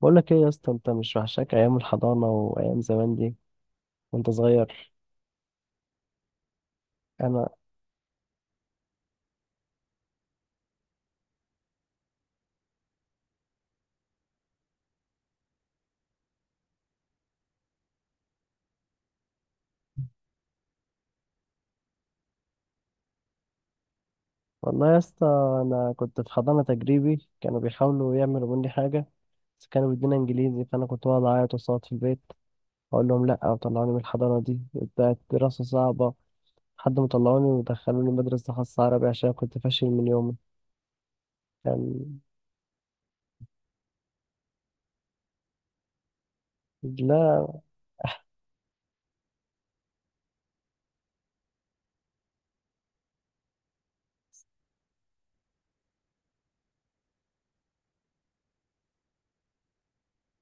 بقول لك ايه يا اسطى، انت مش وحشاك ايام الحضانه وايام زمان دي وانت صغير. انا والله يا اسطى، انا كنت في حضانه تجريبي كانوا بيحاولوا يعملوا مني حاجه، بس كانوا بيدونا انجليزي فانا كنت بقعد اعيط وصوت في البيت اقول لهم لا، وطلعوني من الحضانه دي بتاعت دراسه صعبه لحد ما طلعوني ودخلوني مدرسه خاصه عربي عشان كنت فاشل من يومي. كان لا،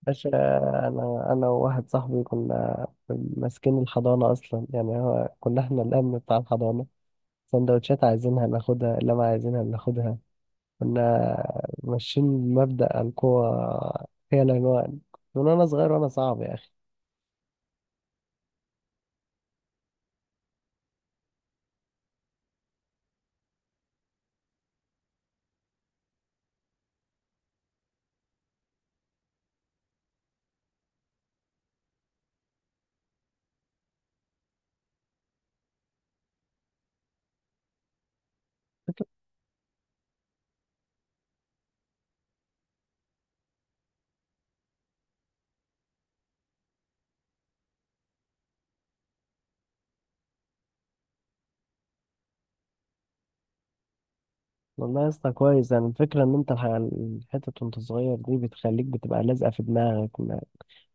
باشا، انا وواحد صاحبي كنا ماسكين الحضانه اصلا، يعني هو كنا احنا الامن بتاع الحضانه، سندوتشات عايزينها ناخدها، لما عايزينها بناخدها. كنا ماشيين مبدأ القوة هي العنوان، من وأنا صغير وأنا صعب يا أخي. والله يا اسطى كويس، يعني الفكرة إن أنت الحتت وأنت صغير دي بتخليك بتبقى لازقة في دماغك،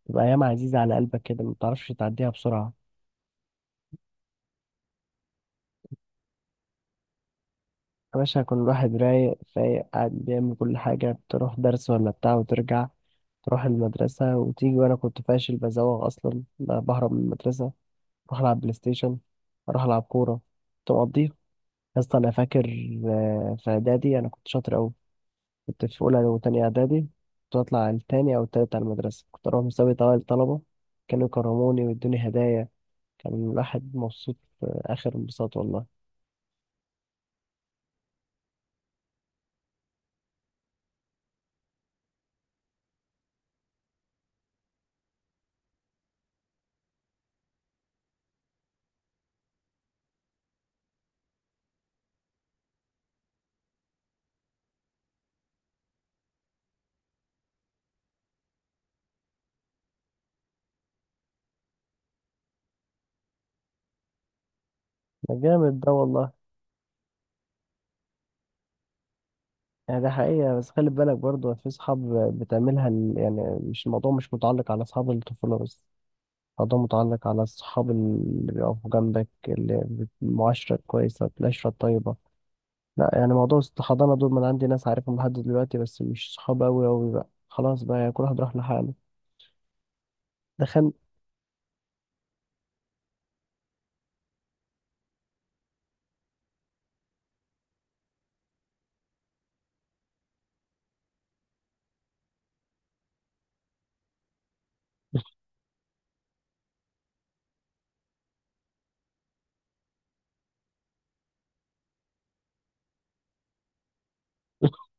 بتبقى أيام عزيزة على قلبك كده ما بتعرفش تعديها بسرعة. يا باشا كل واحد رايق فايق قاعد بيعمل كل حاجة، تروح درس ولا بتاع وترجع، تروح المدرسة وتيجي. وأنا كنت فاشل بزوغ، أصلا بهرب من المدرسة اروح العب بلاي ستيشن، اروح العب كوره تقضيها. يا اسطى انا فاكر، في اعدادي انا كنت شاطر قوي، كنت في اولى وتانية اعدادي، كنت اطلع التاني او التالت على المدرسه، كنت اروح مسابقه اوائل الطلبه، كانوا يكرموني ويدوني هدايا. كان الواحد مبسوط، اخر انبساط والله. ده جامد ده والله. يعني ده حقيقة، بس خلي بالك برضه في صحاب يعني، مش الموضوع مش متعلق على أصحاب الطفولة بس، الموضوع متعلق على الصحاب اللي بيقفوا جنبك، اللي المعاشرة الكويسة العشرة الطيبة. لا يعني موضوع الحضانة دول، ما أنا عندي ناس عارفهم لحد دلوقتي، بس مش صحاب أوي أوي بقى، خلاص بقى يعني كل واحد راح لحاله. ده خان.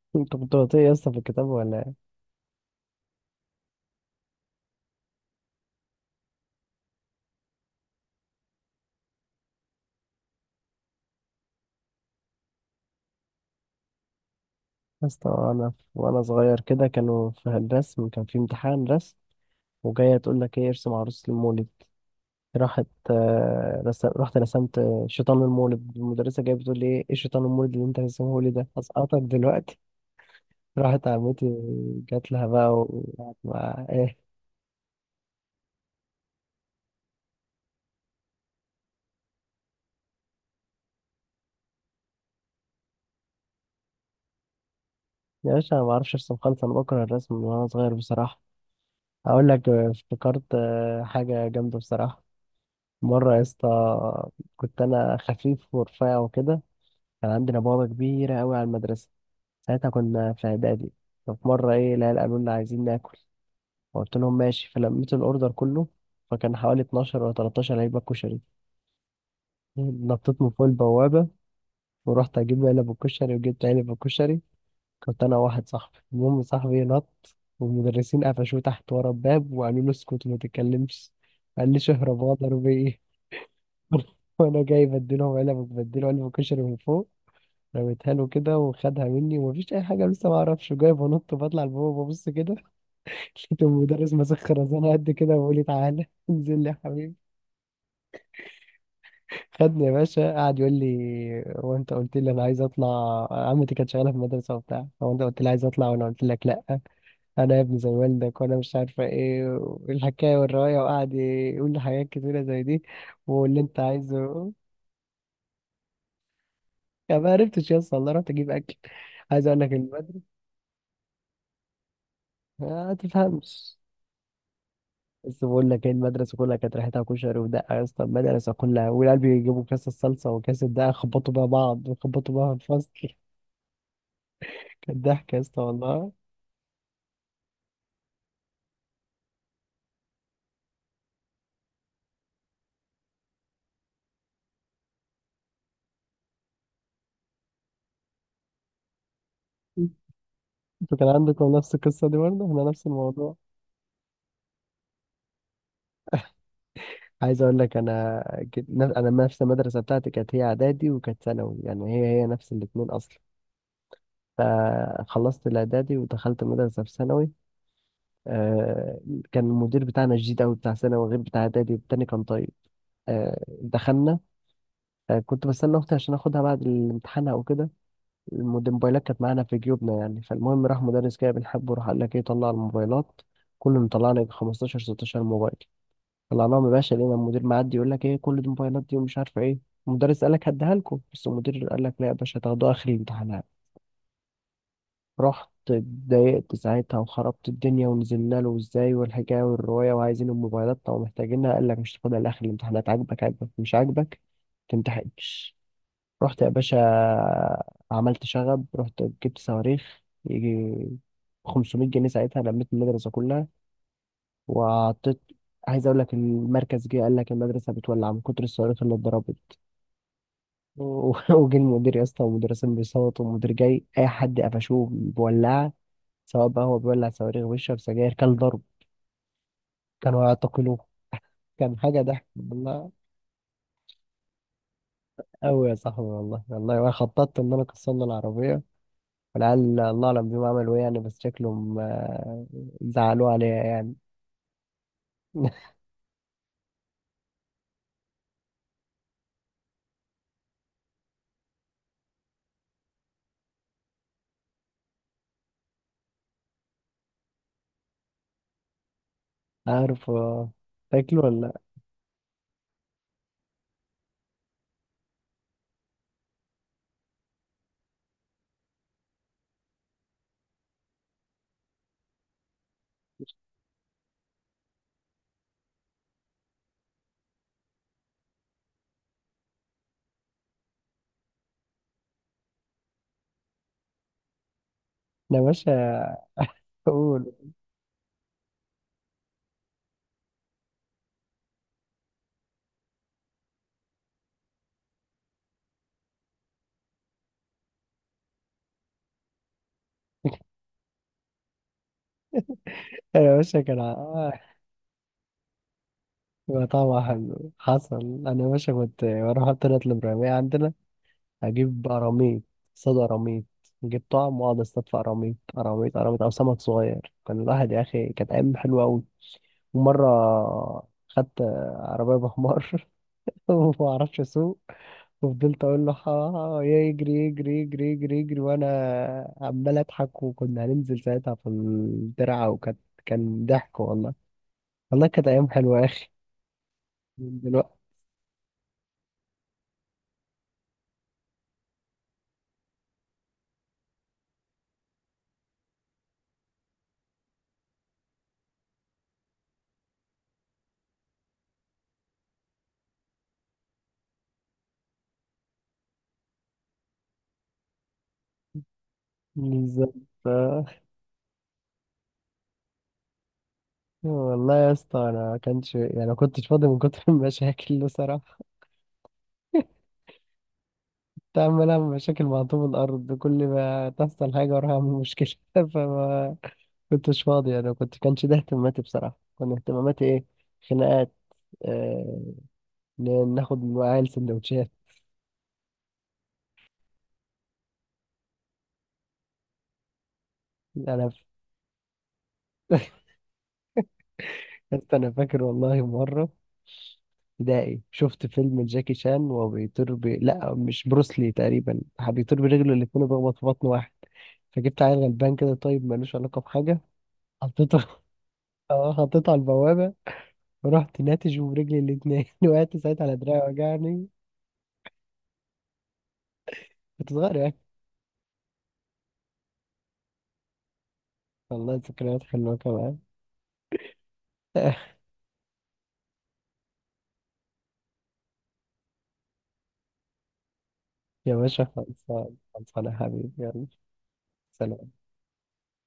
أنت كنت بطيء يا اسطى في الكتاب ولا إيه؟ يا اسطى أنا وأنا صغير كده كانوا في الرسم، كان في امتحان رسم وجاية تقول لك إيه ارسم عروس المولد. راحت آه، رسم رحت رسمت شيطان المولد، المدرسة جاية بتقول لي إيه، إيه شيطان المولد اللي أنت رسمه لي ده؟ هسقطك دلوقتي. راحت عمتي جات لها بقى وقعدت معاها إيه. يا باشا أنا ما أعرفش أرسم خالص، أنا بكره الرسم من وأنا صغير بصراحة. هقول لك افتكرت حاجة جامدة بصراحة. مرة يا اسطى كنت أنا خفيف ورفيع وكده، كان عندنا بوابة كبيرة أوي على المدرسة، ساعتها كنا في إعدادي. ففي مرة إيه العيال قالوا لنا عايزين ناكل، فقلت لهم ماشي، فلميت الأوردر كله، فكان حوالي 12 ولا 13 علبة كشري. نطيت من فوق البوابة ورحت أجيب علب الكشري، وجبت علب الكشري، كنت انا واحد صاحبي. المهم صاحبي نط والمدرسين قفشوه تحت ورا الباب وقالوا له اسكت وما تتكلمش. قال لي شهرة اضرب ايه. وانا جاي بديله علب كشري من فوق رميتها له كده وخدها مني، ومفيش اي حاجه، لسه ما اعرفش، جاي بنط وبطلع لبابا ببص كده لقيت المدرس ماسك خرزانه قد كده وبيقول لي تعالى انزل لي يا حبيبي. خدني يا باشا، قعد يقول لي هو انت قلت لي انا عايز اطلع؟ عمتي كانت شغاله في المدرسه وبتاع، هو انت قلت لي عايز اطلع وانا قلت لك لا، انا يا ابني زي والدك، وانا مش عارفه ايه والحكايه والروايه، وقعد يقول لي حاجات كتيره زي دي. واللي انت عايزه، يعني ما عرفتش يا اسطى والله، رحت اجيب اكل، عايز اقول لك المدرسه ما تفهمش. بس بقول لك ايه، المدرسه كلها كانت ريحتها كشري ودقه يا اسطى، المدرسه كلها، والعيال بيجيبوا كاس الصلصه وكاس الدقه يخبطوا بيها بعض ويخبطوا بيها في الفصل. كانت ضحك يا اسطى والله. انتوا كان عندكم نفس القصه دي برضه؟ احنا نفس الموضوع. عايز اقول لك، كنت- انا نفس المدرسه بتاعتي كانت هي اعدادي وكانت ثانوي، يعني هي هي نفس الاثنين اصلا. فخلصت الاعدادي ودخلت مدرسه في ثانوي. آه، كان المدير بتاعنا شديد قوي بتاع ثانوي، غير بتاع اعدادي التاني كان طيب. دخلنا. كنت بستنى اختي عشان اخدها بعد الامتحان او كده. الموبايلات كانت معانا في جيوبنا يعني، فالمهم راح مدرس كده بنحبه راح قال لك ايه طلع الموبايلات، كله مطلع لك 15 16 موبايل. طلعناهم يا باشا لقينا المدير معدي يقول لك ايه كل دي موبايلات دي ومش عارفه ايه. المدرس قال لك هديها لكم، بس المدير قال لك لا يا باشا هتاخدوها اخر الامتحانات. رحت اتضايقت ساعتها وخربت الدنيا ونزلنا له ازاي والحكايه والروايه وعايزين الموبايلات، طب محتاجينها، قال لك مش تاخدها لاخر الامتحانات، عاجبك عاجبك مش عاجبك متمتحنش. رحت يا باشا عملت شغب، رحت جبت صواريخ يجي 500 جنيه ساعتها، لميت المدرسه كلها وعطيت. عايز اقول لك المركز جه قال لك المدرسه بتولع من كتر الصواريخ اللي اتضربت. وجه المدير يا اسطى والمدرسين بيصوتوا، والمدير جاي اي حد قفشوه بولعه، سواء بقى هو بيولع صواريخ بيشرب سجاير كان ضرب كانوا يعتقلوه. كان حاجه ضحك والله. قوي يا صاحبي والله والله، وانا خططت ان انا كسرنا العربيه، والعيال الله اعلم بيهم عملوا ايه يعني، بس شكلهم زعلوا عليا يعني. عارف تاكلوا ولا لا؟ انا يا باشا قول. انا يا باشا كان طعمها حلو حصل. انا يا باشا كنت بروح طلعت الابراهيميه عندنا اجيب قراميط، صيد قراميط، نجيب طعم واقعد اصطاد في قراميط قراميط قراميط او سمك صغير. كان الواحد يا اخي كانت ايام حلوه قوي. ومره خدت عربيه بحمار وما اعرفش اسوق، وفضلت اقول له يجري يجري يجري يجري يجري، وانا عمال اضحك، وكنا هننزل ساعتها في الترعه، وكانت كان ضحك والله، والله كانت ايام حلوه يا اخي. دلوقتي بالظبط. والله يا اسطى انا ما كانش يعني، ما كنتش فاضي من كتر المشاكل بصراحه. كنت عمال اعمل مشاكل مع طوب الارض، كل ما تحصل حاجه اروح اعمل مشكله. فما كنتش فاضي، انا كانش ده اهتماماتي بصراحه، كان اهتماماتي ايه؟ خناقات. آه... ناخد من العيال سندوتشات. انا، بس انا فاكر والله مره ابتدائي شفت فيلم جاكي شان وهو بيطير لا مش بروسلي تقريبا، بيطير برجله الاتنين وبيخبط في بطن واحد، فجبت عيل غلبان كده طيب ملوش علاقه بحاجه حطيته. اه حطيته على البوابه ورحت ناتج برجلي الاتنين وقعت ساعتها على دراعي وجعني. كنت صغير يعني. والله ذكريات حلوه كمان. يا باشا خلصان خلصان يا حبيبي، يلا سلام.